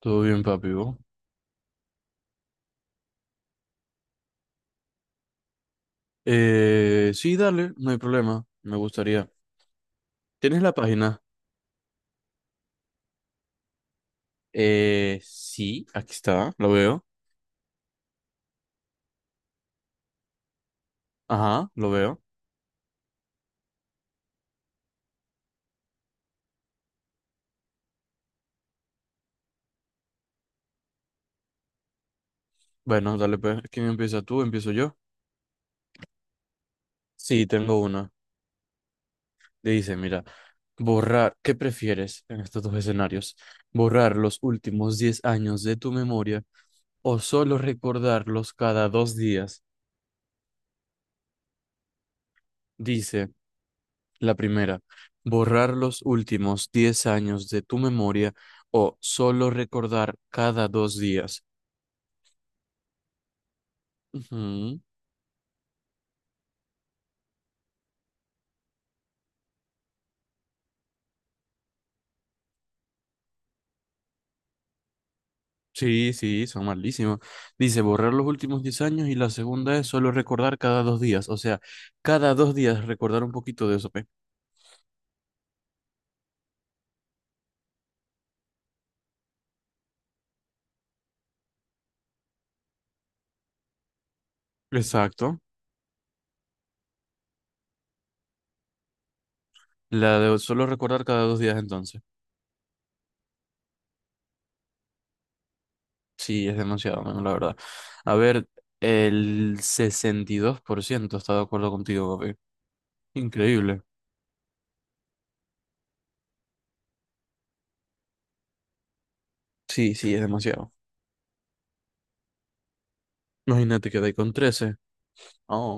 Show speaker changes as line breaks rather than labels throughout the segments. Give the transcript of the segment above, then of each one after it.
Todo bien, papi, ¿vos? Sí, dale, no hay problema. Me gustaría. ¿Tienes la página? Sí, aquí está, lo veo. Ajá, lo veo. Bueno, dale, pues. ¿Quién empieza tú? ¿Empiezo yo? Sí, tengo una. Dice, mira, borrar, ¿qué prefieres en estos dos escenarios? ¿Borrar los últimos 10 años de tu memoria o solo recordarlos cada 2 días? Dice. La primera, borrar los últimos 10 años de tu memoria o solo recordar cada 2 días. Ujú. Sí, sí, son malísimos. Dice borrar los últimos 10 años y la segunda es solo recordar cada 2 días. O sea, cada 2 días recordar un poquito de eso, ¿pe? Exacto. La de solo recordar cada 2 días entonces. Sí, es demasiado, men, la verdad. A ver, el 62% está de acuerdo contigo, papi. Increíble. Sí, sí, es demasiado. Imagínate que dais con 13. Oh,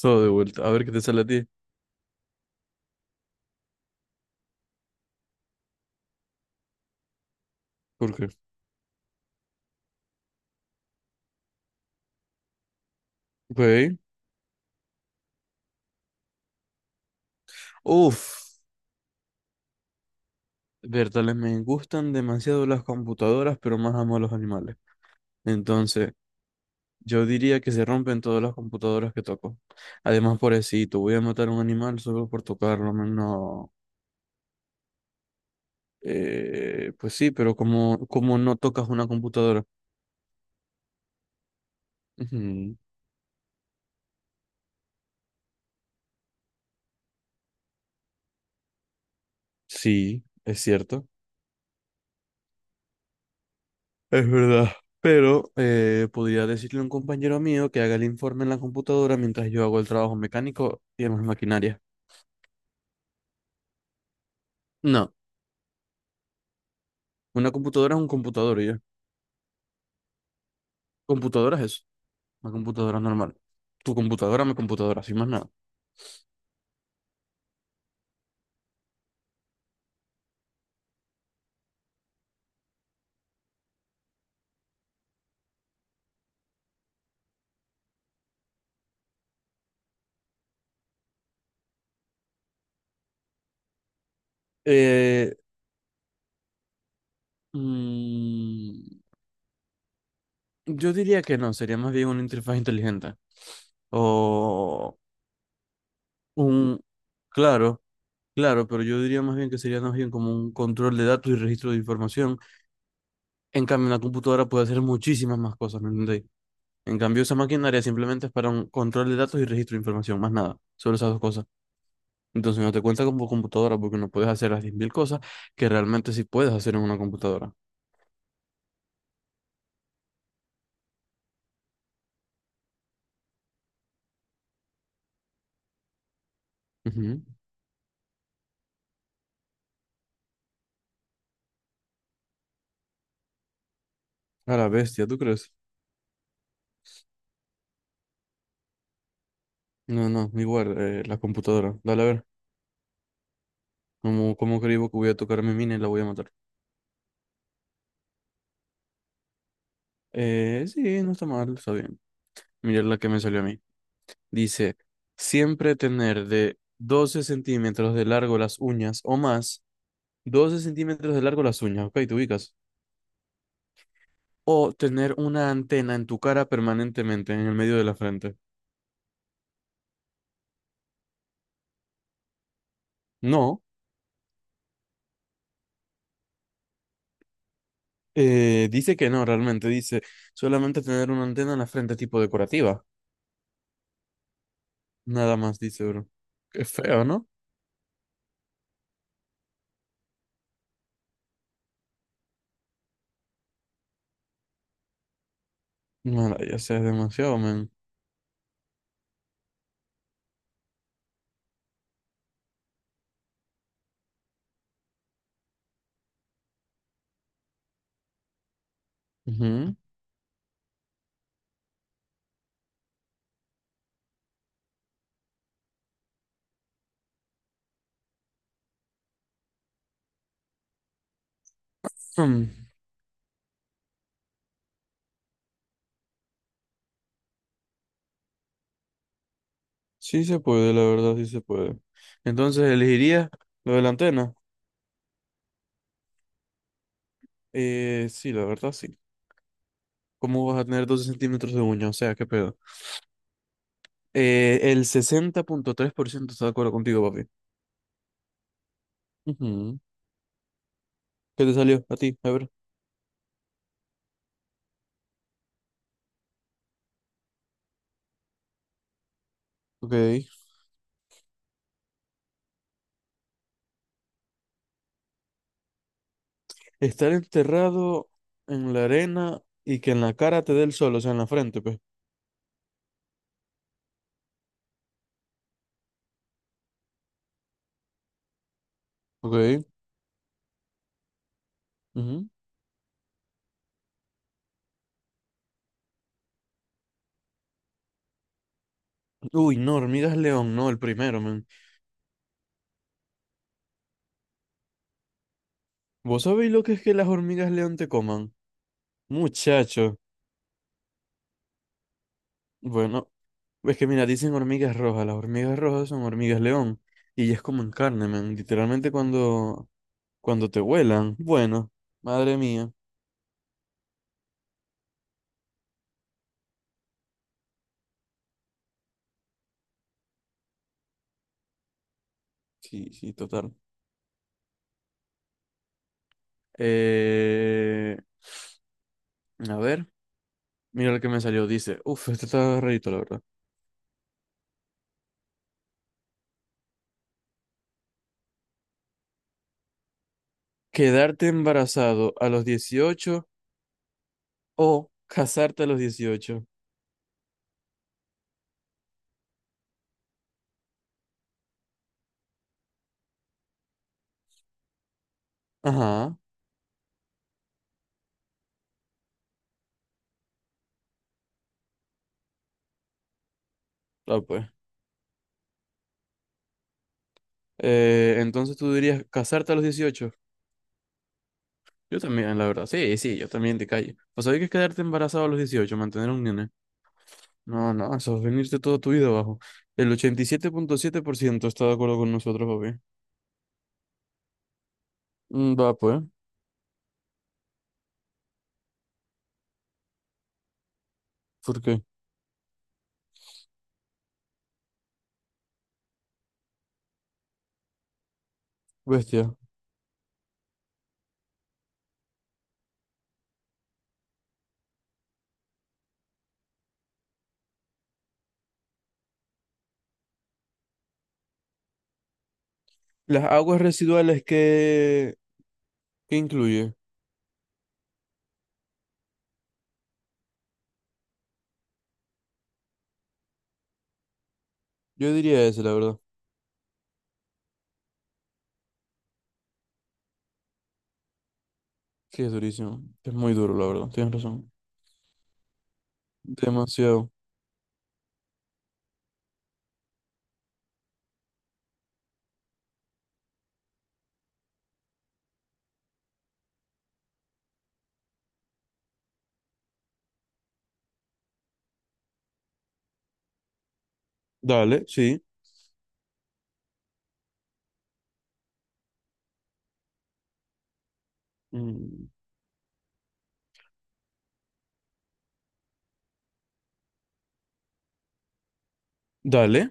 todo de vuelta. A ver qué te sale a ti. ¿Por qué? Ok. Uf. Bertales, me gustan demasiado las computadoras, pero más amo a los animales. Entonces, yo diría que se rompen todas las computadoras que toco. Además, pobrecito, voy a matar a un animal solo por tocarlo. Men, no. Pues sí, pero como no tocas una computadora. Ujú. Sí, es cierto. Es verdad. Pero podría decirle a un compañero mío que haga el informe en la computadora mientras yo hago el trabajo mecánico y demás maquinaria. No, una computadora es un computador y ya. Computadora es eso, una computadora normal. Tu computadora, mi computadora, sin más nada. Eh, mm, yo diría que no, sería más bien una interfaz inteligente. O un. Claro, claro, pero yo diría más bien que sería más bien como un control de datos y registro de información. En cambio, una computadora puede hacer muchísimas más cosas, ¿me entendéis? En cambio, esa maquinaria simplemente es para un control de datos y registro de información, más nada, solo esas dos cosas. Entonces no te cuenta como computadora porque no puedes hacer las 10.000 cosas que realmente sí puedes hacer en una computadora. Ujú. A la bestia, ¿tú crees? No, no, igual, la computadora. Dale, a ver, ¿cómo creo que voy a tocar mi mina y la voy a matar? Sí, no está mal, está bien. Mirad la que me salió a mí. Dice, siempre tener de 12 centímetros de largo las uñas o más 12 centímetros de largo las uñas, ok, te ubicas. O tener una antena en tu cara permanentemente, en el medio de la frente. No, dice que no, realmente dice solamente tener una antena en la frente tipo decorativa. Nada más dice, bro. Qué feo, ¿no? No, ya sea, es demasiado, man. Ujú. Hmm. Sí se puede, la verdad, sí se puede. Entonces, ¿elegiría lo de la antena? Sí, la verdad, sí. ¿Cómo vas a tener 12 centímetros de uña? O sea, qué pedo. El 60.3% está de acuerdo contigo, papi. Ujú. ¿Qué te salió a ti? A ver. Ok. Estar enterrado en la arena y que en la cara te dé el sol, o sea, en la frente, pues. Ok. Ujú. Uy, no, hormigas león, no, el primero, man. ¿Vos sabéis lo que es que las hormigas león te coman? Muchacho. Bueno, es que mira, dicen hormigas rojas. Las hormigas rojas son hormigas león. Y ellas comen carne, man. Literalmente cuando te vuelan. Bueno, madre mía. Sí, sí, total. Eh, a ver, mira lo que me salió. Dice, uf, este está rarito, la verdad. Quedarte embarazado a los 18 o casarte a los 18. Ajá, ah, pues. Entonces tú dirías casarte a los 18. Yo también, la verdad. Sí, sí, yo también te callo. Pues sabés que es quedarte embarazado a los 18 mantener un nene. No, no, eso es venirte toda tu vida abajo. El ochenta y siete punto siete por ciento está de acuerdo con nosotros, papi. Mm. Va, pues. ¿Por qué? Bestia. Las aguas residuales que, ¿qué incluye? Yo diría ese, la verdad. Sí, es durísimo. Es muy duro, la verdad. Tienes razón. Demasiado. Dale, sí. Mm. Dale.